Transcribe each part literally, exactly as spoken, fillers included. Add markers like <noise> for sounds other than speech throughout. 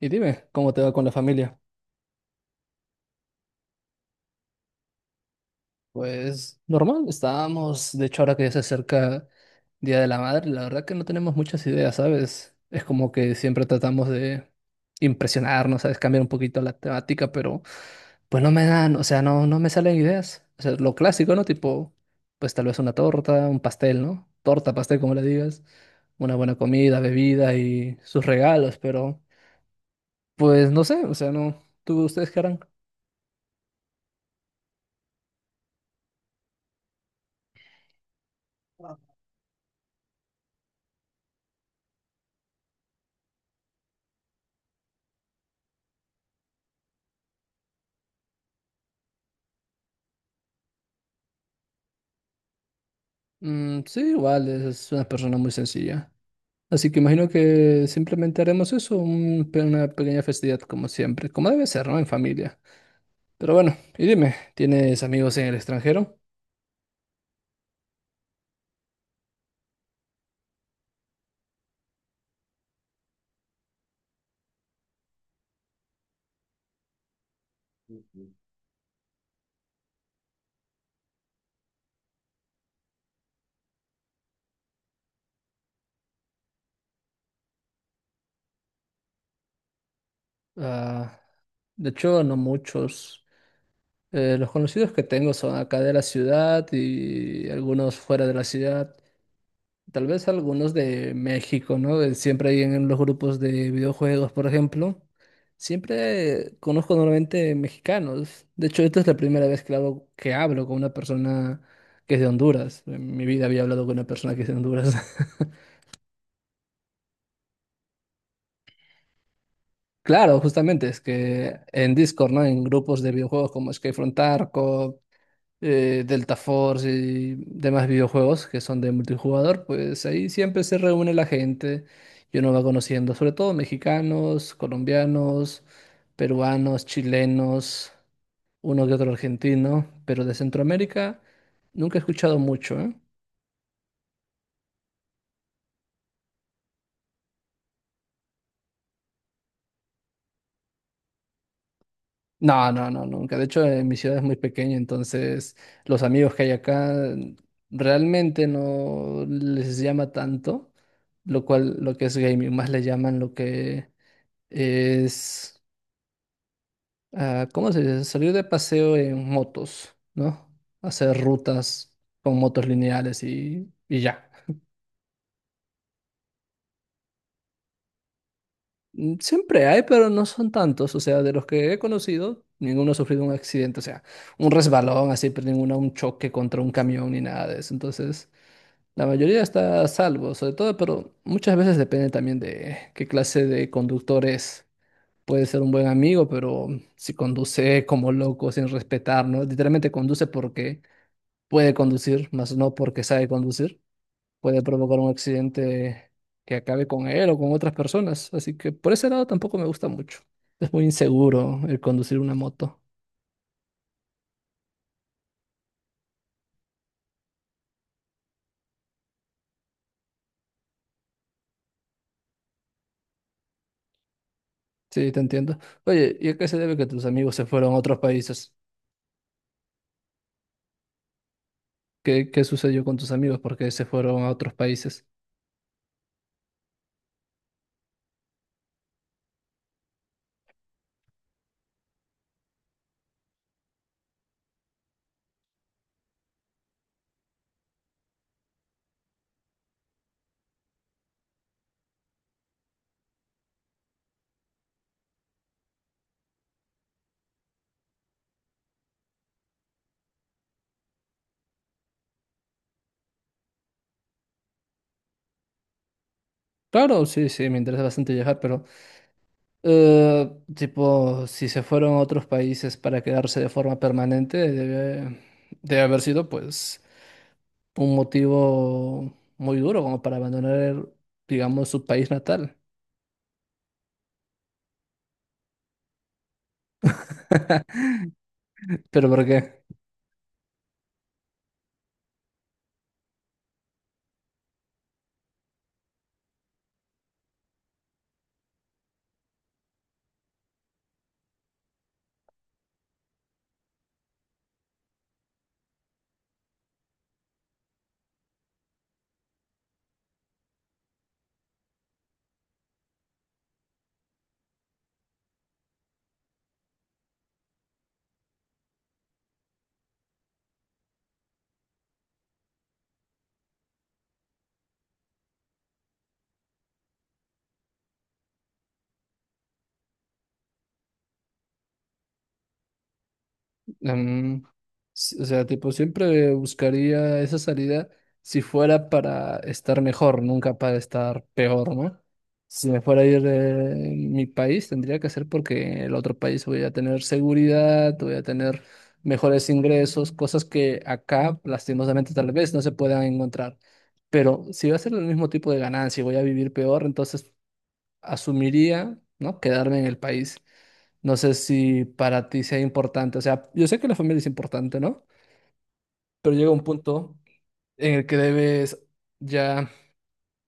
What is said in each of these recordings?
Y dime, ¿cómo te va con la familia? Pues normal, estábamos, de hecho ahora que ya se acerca Día de la Madre, la verdad que no tenemos muchas ideas, ¿sabes? Es como que siempre tratamos de impresionarnos, ¿sabes? Cambiar un poquito la temática, pero pues no me dan, o sea, no, no me salen ideas. O sea, lo clásico, ¿no? Tipo, pues tal vez una torta, un pastel, ¿no? Torta, pastel, como le digas, una buena comida, bebida y sus regalos, pero pues no sé, o sea, no. ¿Tú, ustedes qué harán? Mm, sí, igual es una persona muy sencilla. Así que imagino que simplemente haremos eso, un pe- una pequeña festividad como siempre, como debe ser, ¿no? En familia. Pero bueno, y dime, ¿tienes amigos en el extranjero? Ah, de hecho, no muchos. Eh, los conocidos que tengo son acá de la ciudad y algunos fuera de la ciudad. Tal vez algunos de México, ¿no? De siempre hay en los grupos de videojuegos, por ejemplo. Siempre conozco normalmente mexicanos. De hecho, esta es la primera vez que hablo, que hablo con una persona que es de Honduras. En mi vida había hablado con una persona que es de Honduras. <laughs> Claro, justamente, es que en Discord, ¿no? En grupos de videojuegos como Skyfront Arco eh, Delta Force y demás videojuegos que son de multijugador, pues ahí siempre se reúne la gente y uno va conociendo, sobre todo mexicanos, colombianos, peruanos, chilenos, uno que otro argentino, pero de Centroamérica nunca he escuchado mucho, ¿eh? No, no, no, nunca. De hecho, eh, mi ciudad es muy pequeña, entonces los amigos que hay acá mm, realmente no les llama tanto, lo cual lo que es gaming, más le llaman lo que es, ah, ¿cómo se dice? Salir de paseo en motos, ¿no? Hacer rutas con motos lineales y, y ya. Mm, Siempre hay, pero no son tantos. O sea, de los que he conocido, ninguno ha sufrido un accidente. O sea, un resbalón así, pero ninguno un choque contra un camión ni nada de eso. Entonces, la mayoría está a salvo, sobre todo, pero muchas veces depende también de qué clase de conductor es. Puede ser un buen amigo, pero si conduce como loco, sin respetar, ¿no? Literalmente conduce porque puede conducir, más no porque sabe conducir, puede provocar un accidente que acabe con él o con otras personas. Así que por ese lado tampoco me gusta mucho. Es muy inseguro el conducir una moto. Sí, te entiendo. Oye, ¿y a qué se debe que tus amigos se fueron a otros países? ¿Qué, qué sucedió con tus amigos? ¿Por qué se fueron a otros países? Claro, sí, sí, me interesa bastante viajar, pero... Eh, tipo, si se fueron a otros países para quedarse de forma permanente, debe, debe haber sido pues un motivo muy duro como para abandonar, digamos, su país natal. ¿Pero por qué? Mm, s- o sea, tipo, siempre buscaría esa salida si fuera para estar mejor, nunca para estar peor, ¿no? Si me fuera a ir de mi país, tendría que ser porque el otro país voy a tener seguridad, voy a tener mejores ingresos, cosas que acá, lastimosamente, tal vez no se puedan encontrar. Pero si va a ser el mismo tipo de ganancia y voy a vivir peor, entonces asumiría, ¿no? Quedarme en el país. No sé si para ti sea importante, o sea, yo sé que la familia es importante, ¿no? Pero llega un punto en el que debes ya,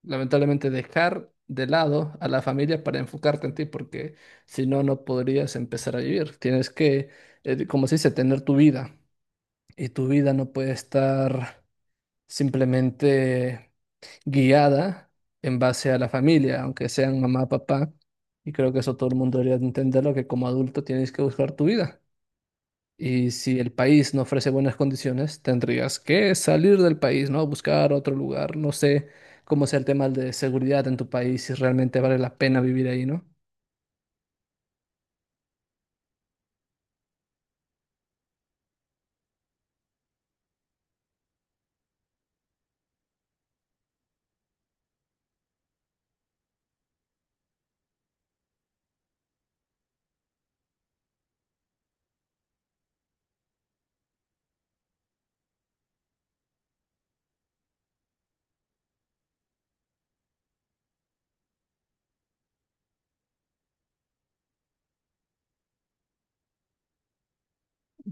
lamentablemente, dejar de lado a la familia para enfocarte en ti, porque si no, no podrías empezar a vivir. Tienes que, eh, como se dice, tener tu vida y tu vida no puede estar simplemente guiada en base a la familia, aunque sean mamá, papá. Y creo que eso todo el mundo debería de entenderlo, que como adulto tienes que buscar tu vida. Y si el país no ofrece buenas condiciones, tendrías que salir del país, ¿no? Buscar otro lugar. No sé cómo sea el tema de seguridad en tu país, si realmente vale la pena vivir ahí, ¿no?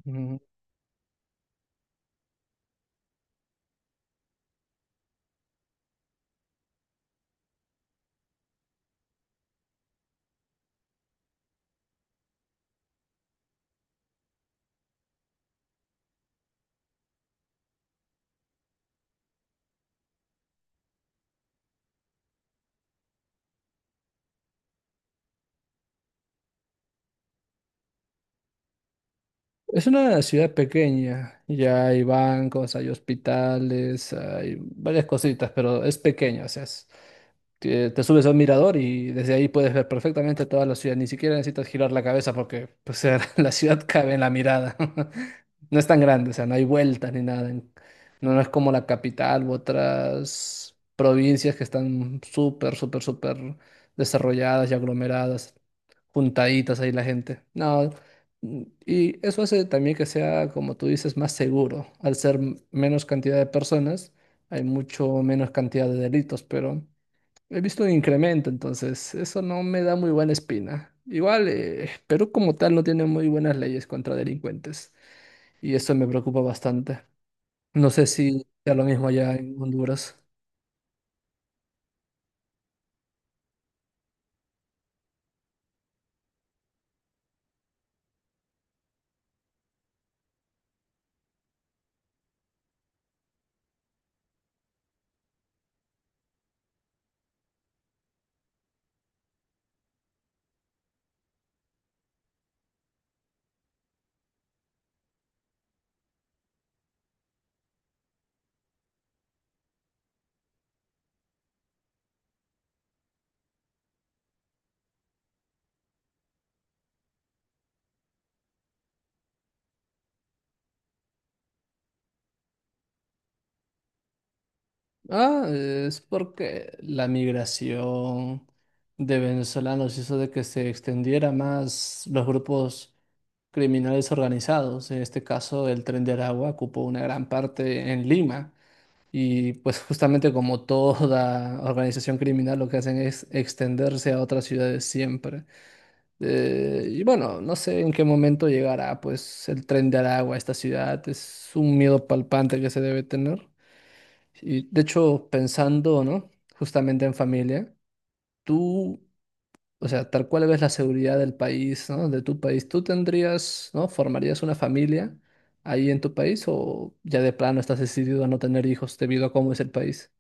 Mm, es una ciudad pequeña, ya hay bancos, hay hospitales, hay varias cositas, pero es pequeña, o sea, es- te, te subes a un mirador y desde ahí puedes ver perfectamente toda la ciudad. Ni siquiera necesitas girar la cabeza porque pues, <laughs> la ciudad cabe en la mirada. <laughs> No es tan grande, o sea, no hay vueltas ni nada. En- No, no es como la capital u otras provincias que están súper, súper, súper desarrolladas y aglomeradas, juntaditas ahí la gente. No, mm, y eso hace también que sea, como tú dices, más seguro. Al ser m- menos cantidad de personas, hay mucho menos cantidad de delitos, pero... He visto un incremento, entonces eso no me da muy buena espina. Igual, eh, Perú como tal no tiene muy buenas leyes contra delincuentes y eso me preocupa bastante. No sé si sea lo mismo allá en Honduras. Ah, es porque la migración de venezolanos hizo de que se extendiera más los grupos criminales organizados. En este caso, el Tren de Aragua ocupó una gran parte en Lima. Y pues justamente como toda organización criminal lo que hacen es extenderse a otras ciudades siempre. Eh, y bueno, no sé en qué momento llegará pues el tren de Aragua a esta ciudad. Es un miedo palpante que se debe tener. Y de hecho, pensando, ¿no? Justamente en familia, ¿tú, o sea, tal cual ves la seguridad del país, ¿no? De tu país. ¿Tú tendrías, ¿no? ¿Formarías una familia ahí en tu país o ya de plano estás decidido a no tener hijos debido a cómo es el país?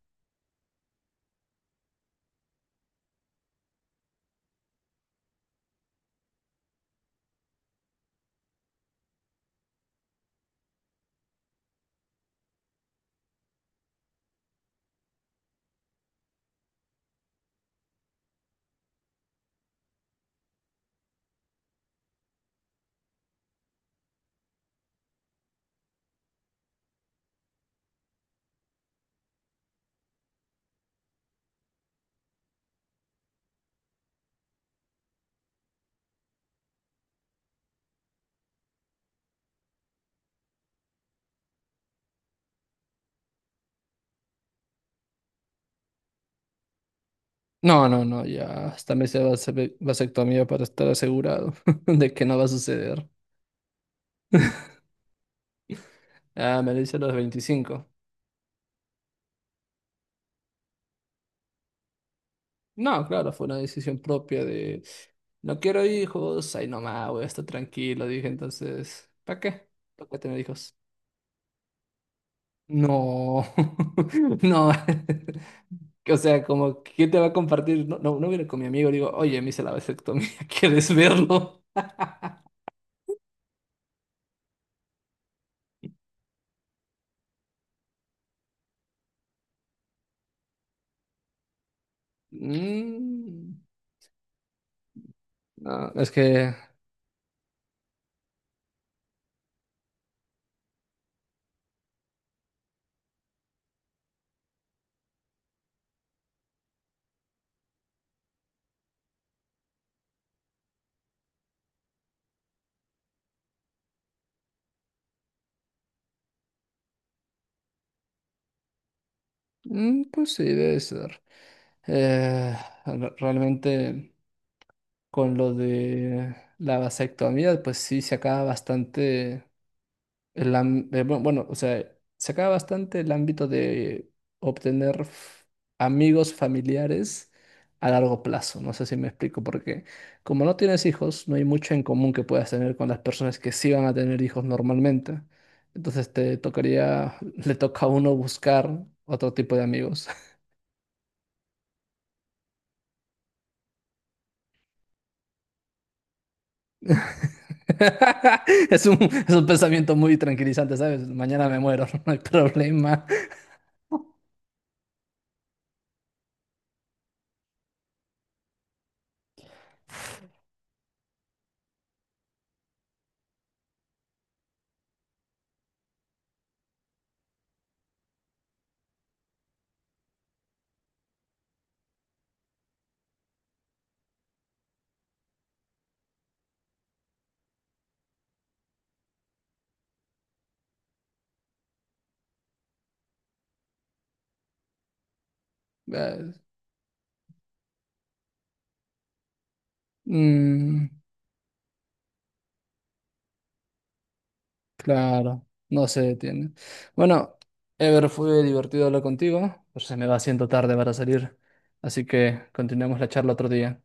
No, no, no, ya hasta me hice vase- vasectomía para estar asegurado <laughs> de que no va a suceder. Ah, me lo hice a los veinticinco. No, claro, fue una decisión propia de no quiero hijos, ahí nomás voy a estar tranquilo, dije entonces, ¿para qué? ¿Para qué tener hijos? No, <laughs> no, o sea, como, ¿quién te va a compartir? No, no, no viene con mi amigo, digo, oye, me hice la vasectomía, <laughs> ¿quieres verlo? Mm, no, es que, mm, pues sí, debe ser. Eh, re- realmente, con lo de la vasectomía, pues sí, se acaba bastante. El, am- eh, bu- bueno, o sea, se acaba bastante el ámbito de obtener f- amigos familiares a largo plazo. No sé si me explico, porque como no tienes hijos, no hay mucho en común que puedas tener con las personas que sí van a tener hijos normalmente. Entonces te tocaría, <laughs> le toca a uno buscar otro tipo de amigos. <laughs> Es un, es un pensamiento muy tranquilizante, ¿sabes? Mañana me muero, <laughs> no hay problema. <laughs> Eh, mm. Claro, no se detiene. Bueno, Ever, fue divertido hablar contigo, pero se me va haciendo tarde para salir, así que continuemos la charla otro día.